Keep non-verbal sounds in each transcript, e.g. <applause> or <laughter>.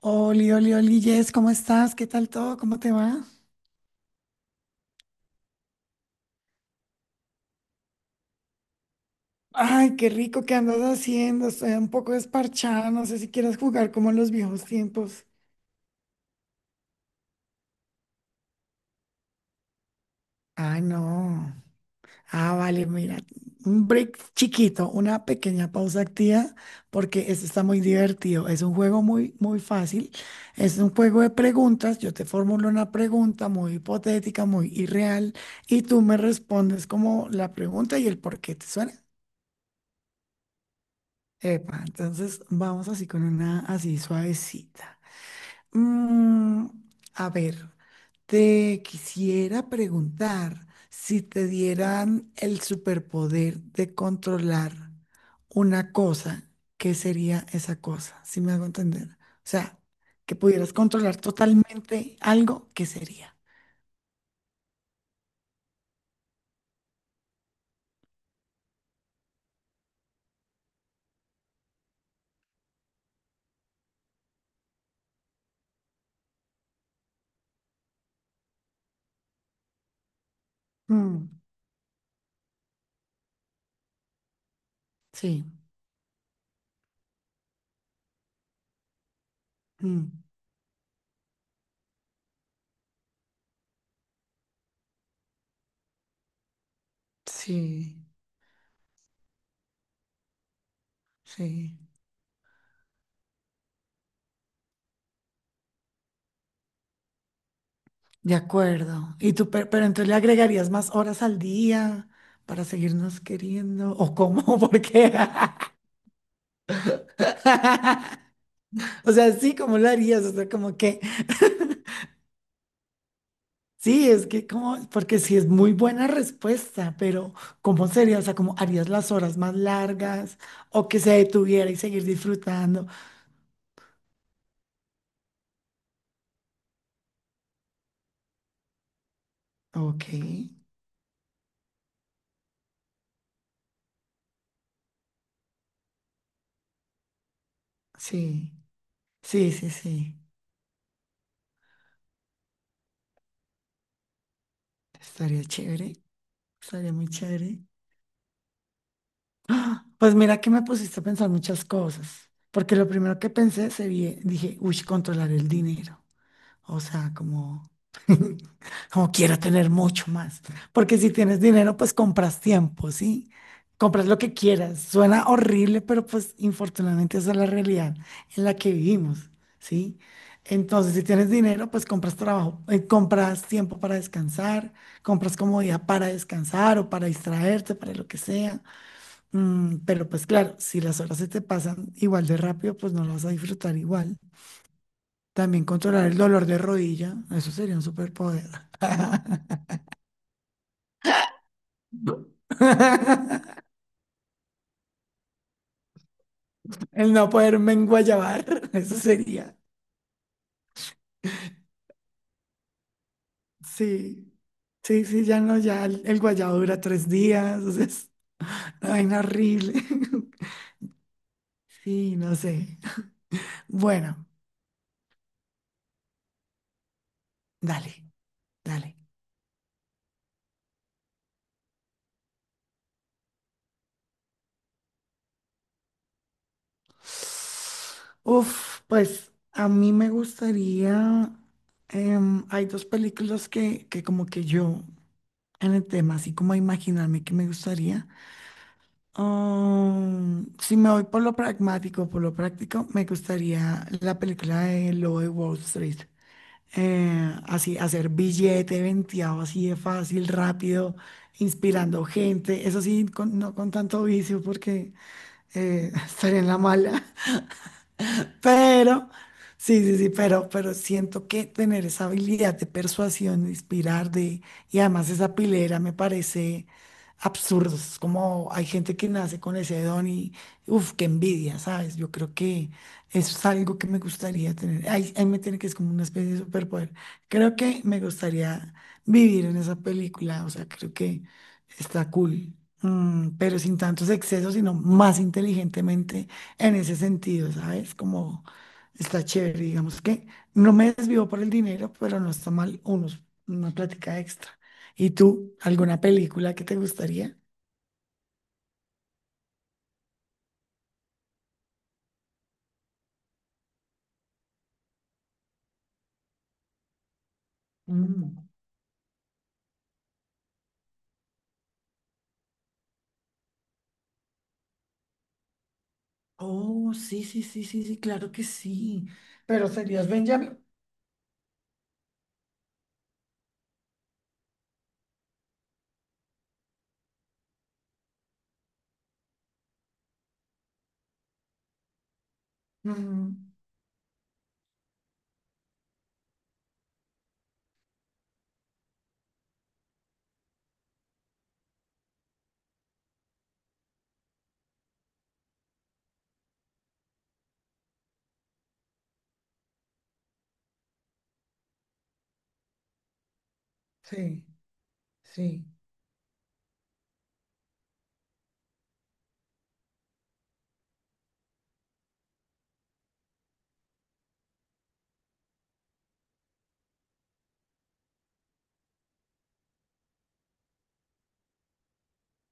Oli, oli, oli, Jess, ¿cómo estás? ¿Qué tal todo? ¿Cómo te va? Ay, qué rico que andas haciendo. Estoy un poco desparchada. No sé si quieras jugar como en los viejos tiempos. Ah, no. Ah, vale, mira. Un break chiquito, una pequeña pausa activa, porque esto está muy divertido. Es un juego muy, muy fácil. Es un juego de preguntas. Yo te formulo una pregunta muy hipotética, muy irreal, y tú me respondes como la pregunta y el por qué te suena. Epa, entonces vamos así con una así suavecita. Mm, a ver, te quisiera preguntar si te dieran el superpoder de controlar una cosa, ¿qué sería esa cosa? Si me hago entender. O sea, que pudieras controlar totalmente algo, ¿qué sería? Mm, sí, mm, sí, sí. De acuerdo. Y tú, pero, entonces le agregarías más horas al día para seguirnos queriendo. ¿O cómo? <laughs> ¿Por qué? <laughs> O sea, sí, ¿cómo lo harías? O sea, como que, sí, es que como, porque sí es muy buena respuesta, pero ¿cómo sería? O sea, ¿cómo harías las horas más largas? O que se detuviera y seguir disfrutando. Ok, sí, sí, sí, sí. Estaría chévere, estaría muy chévere. ¡Ah! Pues mira que me pusiste a pensar muchas cosas, porque lo primero que pensé se vi, dije, uy, controlar el dinero, o sea, como, <laughs> como quiero tener mucho más, porque si tienes dinero, pues compras tiempo, ¿sí? Compras lo que quieras, suena horrible, pero pues infortunadamente esa es la realidad en la que vivimos, ¿sí? Entonces, si tienes dinero, pues compras trabajo, compras tiempo para descansar, compras comodidad para descansar o para distraerte, para lo que sea. Pero pues claro, si las horas se te pasan igual de rápido, pues no las vas a disfrutar igual. También controlar el dolor de rodilla, eso sería un superpoder. <laughs> El no poderme enguayabar, eso sería. Sí, sí, sí, ya no, ya el guayabo dura 3 días, o sea, es una vaina horrible. <laughs> Sí, no sé. Bueno, dale, dale. Uf, pues a mí me gustaría. Hay dos películas que como que yo en el tema, así como imaginarme que me gustaría. Si me voy por lo pragmático, por lo práctico, me gustaría la película de Lo de Wall Street. Así, hacer billete venteado así de fácil, rápido, inspirando gente. Eso sí, no con tanto vicio porque <laughs> estaría en la mala. Pero, sí, sí, sí, pero siento que tener esa habilidad de persuasión, de inspirar, de, y además esa pilera me parece absurdo. Es como hay gente que nace con ese don y, uff, qué envidia, ¿sabes? Yo creo que eso es algo que me gustaría tener. Ahí, ahí me tiene que es como una especie de superpoder. Creo que me gustaría vivir en esa película, o sea, creo que está cool. Pero sin tantos excesos, sino más inteligentemente en ese sentido, ¿sabes? Como está chévere, digamos que no me desvivo por el dinero, pero no está mal unos, una plática extra. ¿Y tú, alguna película que te gustaría? Mm. Oh, sí, sí, sí, sí, sí, claro que sí. Pero serías Benjamin. Ujú, sí, sí.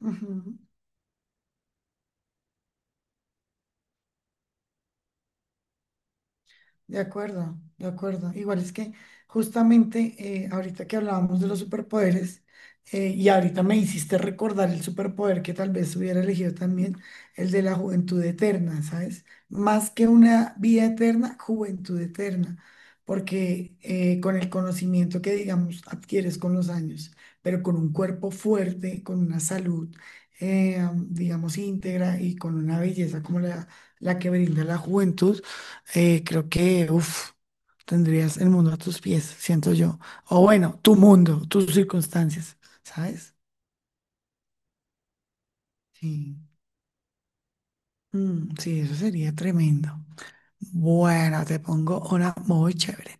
Ujú. De acuerdo, de acuerdo. Igual es que justamente ahorita que hablábamos de los superpoderes y ahorita me hiciste recordar el superpoder que tal vez hubiera elegido también, el de la juventud eterna, ¿sabes? Más que una vida eterna, juventud eterna, porque con el conocimiento que, digamos, adquieres con los años, pero con un cuerpo fuerte, con una salud, digamos, íntegra y con una belleza como la que brinda la juventud creo que, uff, tendrías el mundo a tus pies, siento yo. O bueno, tu mundo, tus circunstancias, ¿sabes? Sí, mm, sí, eso sería tremendo. Bueno, te pongo una muy chévere.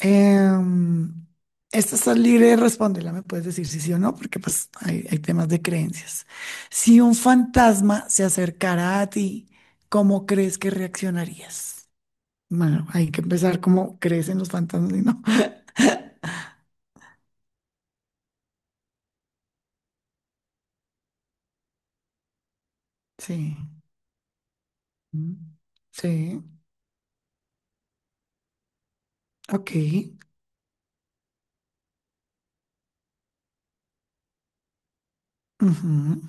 Em, esta está libre de responderla, me puedes decir si sí o no, porque pues hay temas de creencias. Si un fantasma se acercara a ti, ¿cómo crees que reaccionarías? Bueno, hay que empezar como crees en los fantasmas y no. <laughs> Sí. Mm, sí, ok. Ujú,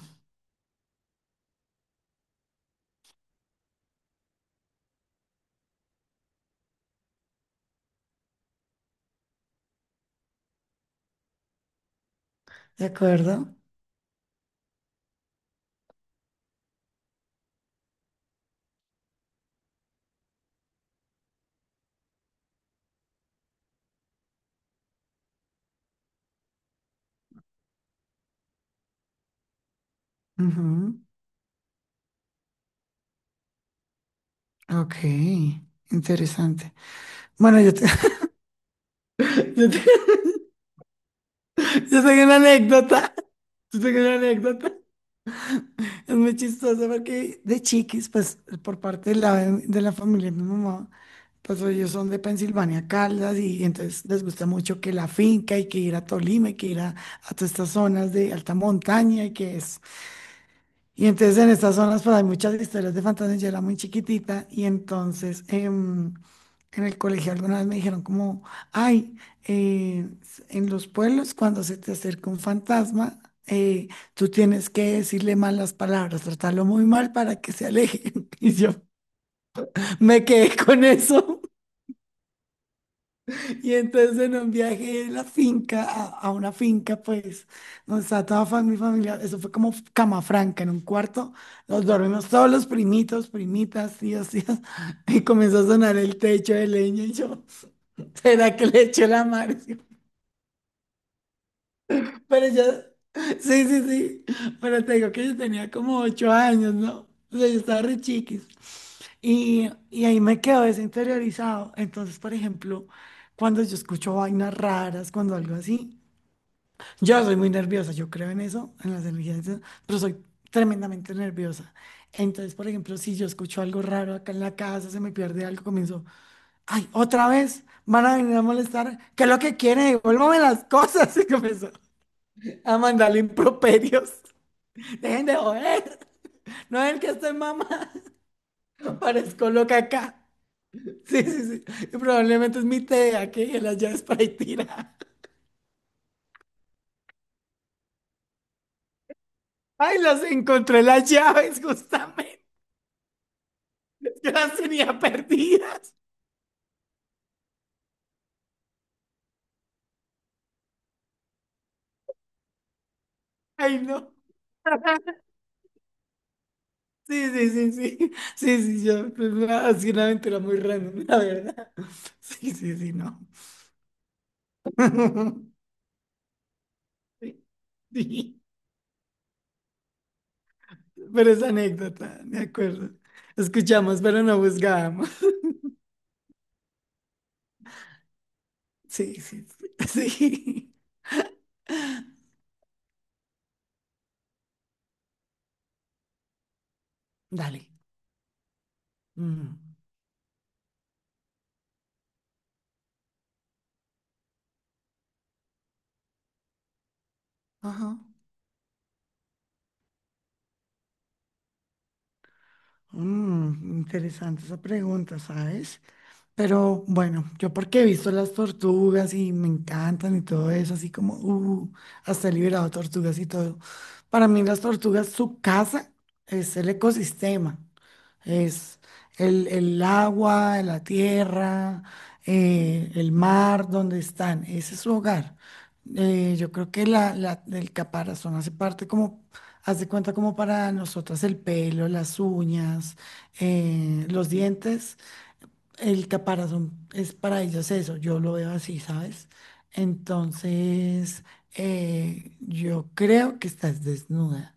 de acuerdo. Ujú, ok, interesante. Bueno, <laughs> yo, te- <laughs> yo tengo una anécdota. Yo tengo una anécdota. Es muy chistosa porque de chiquis, pues por parte de la familia de mi mamá, pues ellos son de Pensilvania, Caldas, y entonces les gusta mucho que la finca y que ir a Tolima y que ir a todas estas zonas de alta montaña y que es. Y entonces en estas zonas pues hay muchas historias de fantasmas, yo era muy chiquitita y entonces en el colegio alguna vez me dijeron como, ay, en los pueblos cuando se te acerca un fantasma, eh, tú tienes que decirle malas palabras, tratarlo muy mal para que se aleje. <laughs> Y yo me quedé con eso. Y entonces en un viaje de la finca a una finca, pues, donde estaba toda mi familia, eso fue como cama franca, en un cuarto, nos dormimos todos los primitos, primitas, tíos, tías, <laughs> y comenzó a sonar el techo de leña y yo, ¿será que le echo la mano? <laughs> Pero yo, sí, sí, sí, pero te digo que yo tenía como 8 años, ¿no? O sea, yo estaba re chiquis. Y ahí me quedo desinteriorizado. Entonces, por ejemplo, cuando yo escucho vainas raras, cuando algo así. Yo soy muy nerviosa, yo creo en eso, en las energías, pero soy tremendamente nerviosa. Entonces, por ejemplo, si yo escucho algo raro acá en la casa, se me pierde algo, comienzo, ay, otra vez, van a venir a molestar, ¿qué es lo que quieren? Devuélvame las cosas, <laughs> y comienzo a mandarle improperios. <laughs> Dejen de joder, no es el que estoy mamá, <laughs> parezco loca acá. Sí, sí, sí, y probablemente es mi TDA que dejé las llaves para ahí tira. Ay, las encontré las llaves, <laughs> justamente, yo las tenía perdidas. Ay, no. <laughs> Sí, sí, sí, sí. Sí, sí, yo. Pues, ha sido una aventura muy random, la verdad. Sí, sí, sí, no. <laughs> Sí, sí. Pero es anécdota, de acuerdo. Escuchamos, pero no buscábamos. Sí, sí, sí. Sí. Dale. Mm, ajá. Interesante esa pregunta, ¿sabes? Pero bueno, yo porque he visto las tortugas y me encantan y todo eso, así como, hasta he liberado tortugas y todo. Para mí las tortugas, su casa es el ecosistema, es el agua, la tierra, el mar donde están, ese es su hogar. Yo creo que el caparazón hace parte como, hace cuenta como para nosotras el pelo, las uñas, los dientes. El caparazón es para ellos eso, yo lo veo así, ¿sabes? Entonces, yo creo que estás desnuda,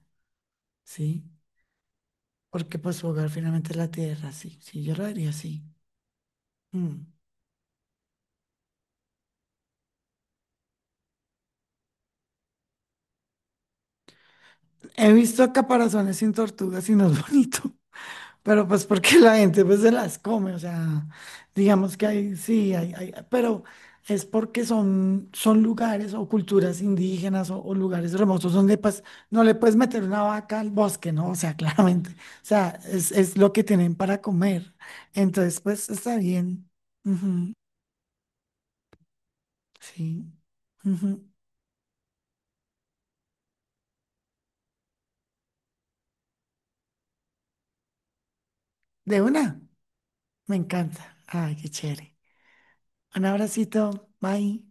¿sí? Porque pues su hogar finalmente es la tierra, sí, sí, yo lo diría así. Mm. He visto caparazones sin tortugas y no es bonito. Pero pues porque la gente pues se las come, o sea, digamos que hay, sí, pero es porque son lugares o culturas indígenas o lugares remotos donde pues no le puedes meter una vaca al bosque, ¿no? O sea, <laughs> claramente, o sea, es lo que tienen para comer. Entonces, pues está bien. Ujú, sí. Ujú. De una, me encanta. Ay, qué chévere. Un abracito, bye.